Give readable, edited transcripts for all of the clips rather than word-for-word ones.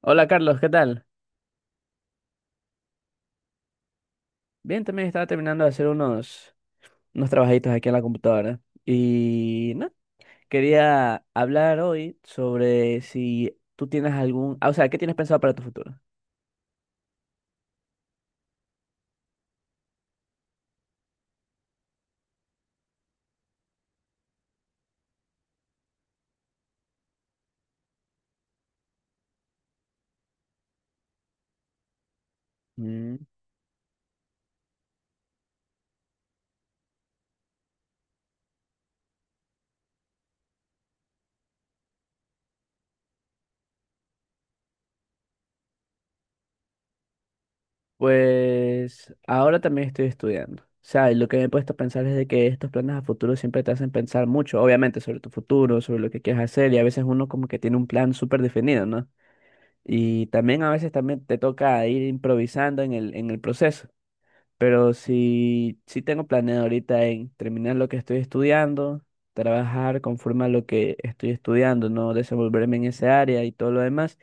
Hola Carlos, ¿qué tal? Bien, también estaba terminando de hacer unos trabajitos aquí en la computadora. Y no, quería hablar hoy sobre si tú tienes o sea, ¿qué tienes pensado para tu futuro? Mm. Pues ahora también estoy estudiando. O sea, y lo que me he puesto a pensar es de que estos planes a futuro siempre te hacen pensar mucho, obviamente, sobre tu futuro, sobre lo que quieres hacer, y a veces uno como que tiene un plan súper definido, ¿no? Y también a veces también te toca ir improvisando en el proceso. Pero sí, sí tengo planeado ahorita en terminar lo que estoy estudiando, trabajar conforme a lo que estoy estudiando, no desenvolverme en esa área y todo lo demás.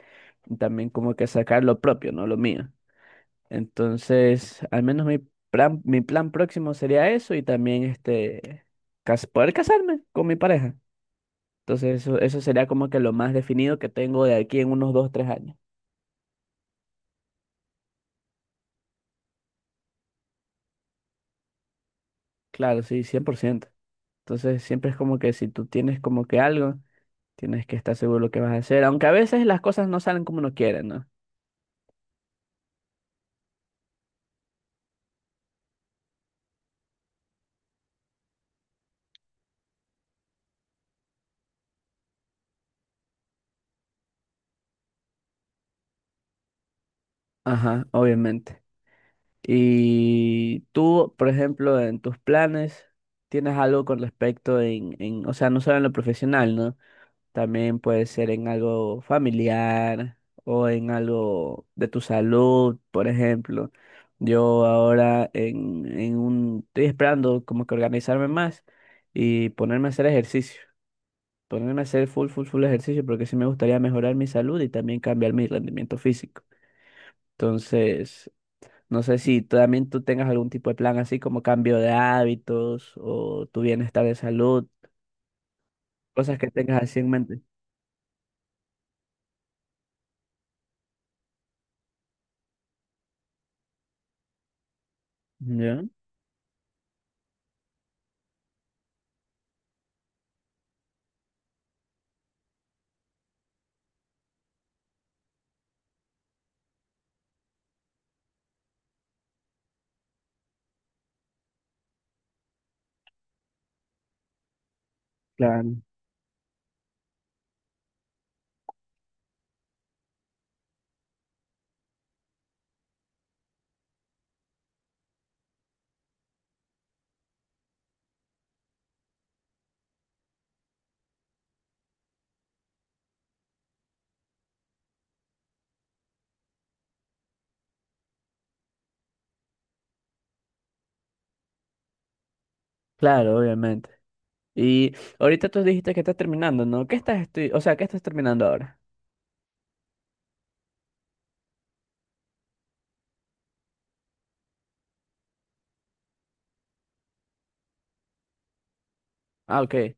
Y también como que sacar lo propio, no lo mío. Entonces, al menos mi plan próximo sería eso y también este, poder casarme con mi pareja. Entonces, eso sería como que lo más definido que tengo de aquí en unos 2, 3 años. Claro, sí, 100%. Entonces, siempre es como que si tú tienes como que algo. Tienes que estar seguro de lo que vas a hacer, aunque a veces las cosas no salen como uno quiere, ¿no? Ajá, obviamente. Y tú, por ejemplo, en tus planes, tienes algo con respecto o sea, no solo en lo profesional, ¿no? También puede ser en algo familiar o en algo de tu salud, por ejemplo. Yo ahora estoy esperando como que organizarme más y ponerme a hacer ejercicio. Ponerme a hacer full, full, full ejercicio porque sí me gustaría mejorar mi salud y también cambiar mi rendimiento físico. Entonces, no sé si tú también tú tengas algún tipo de plan así como cambio de hábitos o tu bienestar de salud, cosas que tengas así en mente. ¿Ya? Claro. Claro, obviamente. Y ahorita tú dijiste que estás terminando, ¿no? ¿Qué estás estudiando? O sea, ¿qué estás terminando ahora? Ah, ok,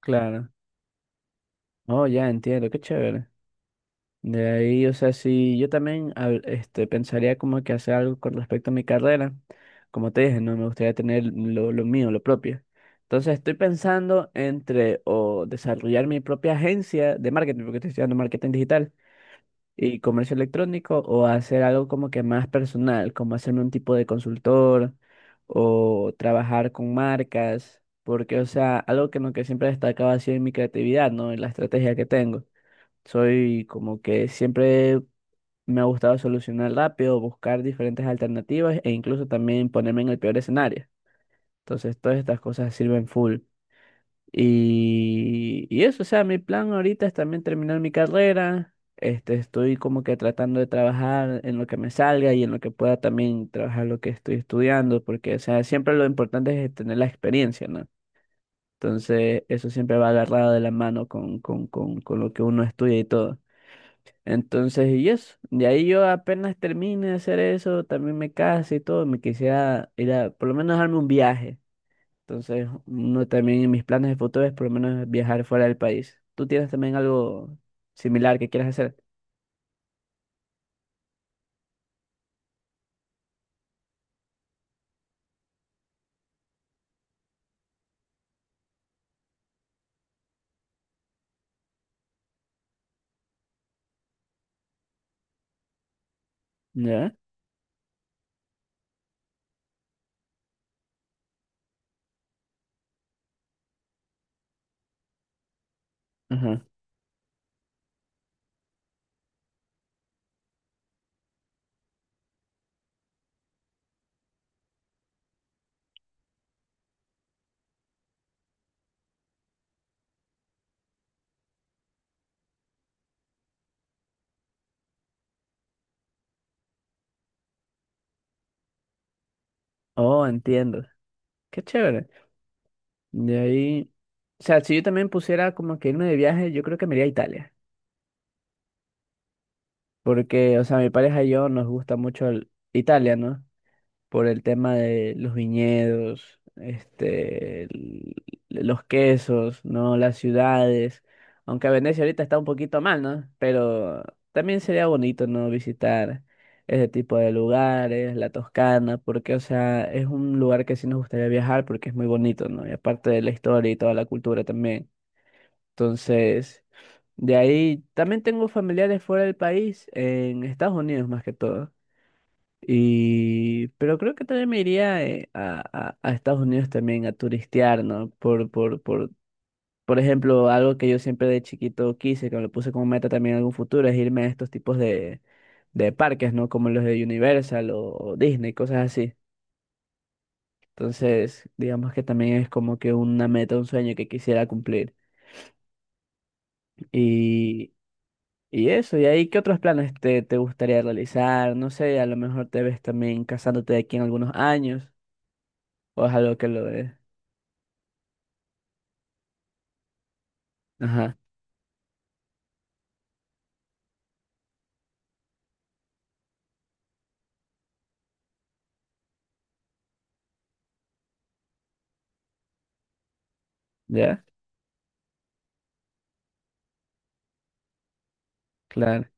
claro. Oh, ya entiendo, qué chévere. De ahí, o sea, sí, yo también este, pensaría como que hacer algo con respecto a mi carrera. Como te dije, no me gustaría tener lo mío, lo propio. Entonces estoy pensando entre o desarrollar mi propia agencia de marketing, porque estoy estudiando marketing digital y comercio electrónico, o hacer algo como que más personal, como hacerme un tipo de consultor o trabajar con marcas, porque, o sea, algo que, en lo que siempre he destacado ha sido en mi creatividad, ¿no? En la estrategia que tengo. Soy como que siempre me ha gustado solucionar rápido, buscar diferentes alternativas e incluso también ponerme en el peor escenario. Entonces, todas estas cosas sirven full. Y eso, o sea, mi plan ahorita es también terminar mi carrera. Este, estoy como que tratando de trabajar en lo que me salga y en lo que pueda también trabajar lo que estoy estudiando, porque, o sea, siempre lo importante es tener la experiencia, ¿no? Entonces, eso siempre va agarrado de la mano con lo que uno estudia y todo. Entonces, y eso. De ahí yo apenas termine de hacer eso, también me casé y todo, me quisiera ir a, por lo menos darme un viaje. Entonces, uno también en mis planes de futuro es por lo menos viajar fuera del país. ¿Tú tienes también algo similar que quieras hacer? ¿Ya? Ajá. Oh, entiendo. Qué chévere. De ahí, o sea, si yo también pusiera como que irme de viaje, yo creo que me iría a Italia. Porque, o sea, mi pareja y yo nos gusta mucho el- Italia, ¿no? Por el tema de los viñedos, este, el- los quesos, ¿no? Las ciudades. Aunque Venecia ahorita está un poquito mal, ¿no? Pero también sería bonito, ¿no? Visitar ese tipo de lugares, la Toscana, porque, o sea, es un lugar que sí nos gustaría viajar porque es muy bonito, ¿no? Y aparte de la historia y toda la cultura también. Entonces, de ahí también tengo familiares fuera del país, en Estados Unidos más que todo. Y, pero creo que también me iría a Estados Unidos también a turistear, ¿no? Por ejemplo, algo que yo siempre de chiquito quise, que me lo puse como meta también en algún futuro, es irme a estos tipos de, parques, ¿no? Como los de Universal o Disney, cosas así. Entonces, digamos que también es como que una meta, un sueño que quisiera cumplir. Y, y eso, y ahí, ¿qué otros planes te gustaría realizar? No sé, a lo mejor te ves también casándote de aquí en algunos años, o es algo que lo... Ajá, ya, claro,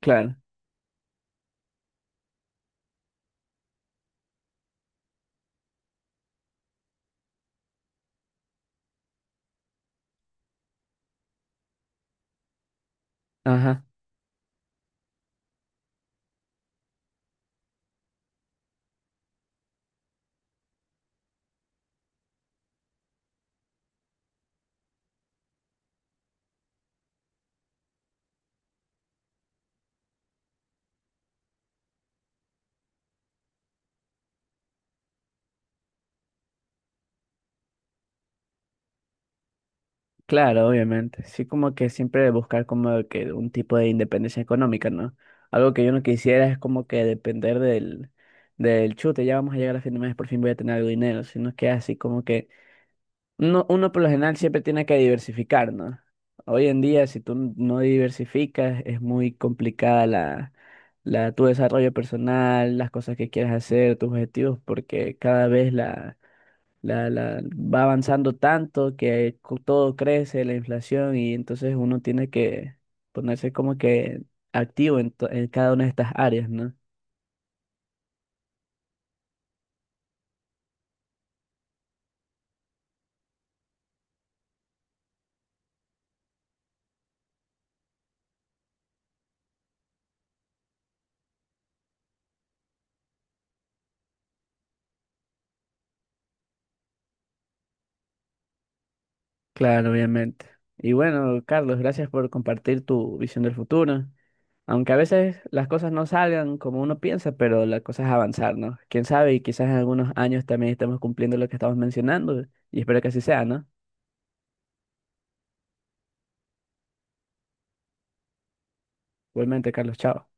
claro, ajá, claro, obviamente. Sí, como que siempre buscar como que un tipo de independencia económica, ¿no? Algo que yo no quisiera es como que depender del chute, ya vamos a llegar a fin de mes, por fin voy a tener algo de dinero, sino que así como que uno por lo general siempre tiene que diversificar, ¿no? Hoy en día, si tú no diversificas, es muy complicada tu desarrollo personal, las cosas que quieres hacer, tus objetivos, porque cada vez va avanzando tanto que todo crece, la inflación, y entonces uno tiene que ponerse como que activo en cada una de estas áreas, ¿no? Claro, obviamente. Y bueno, Carlos, gracias por compartir tu visión del futuro. Aunque a veces las cosas no salgan como uno piensa, pero la cosa es avanzar, ¿no? Quién sabe, y quizás en algunos años también estemos cumpliendo lo que estamos mencionando, y espero que así sea, ¿no? Igualmente, Carlos, chao.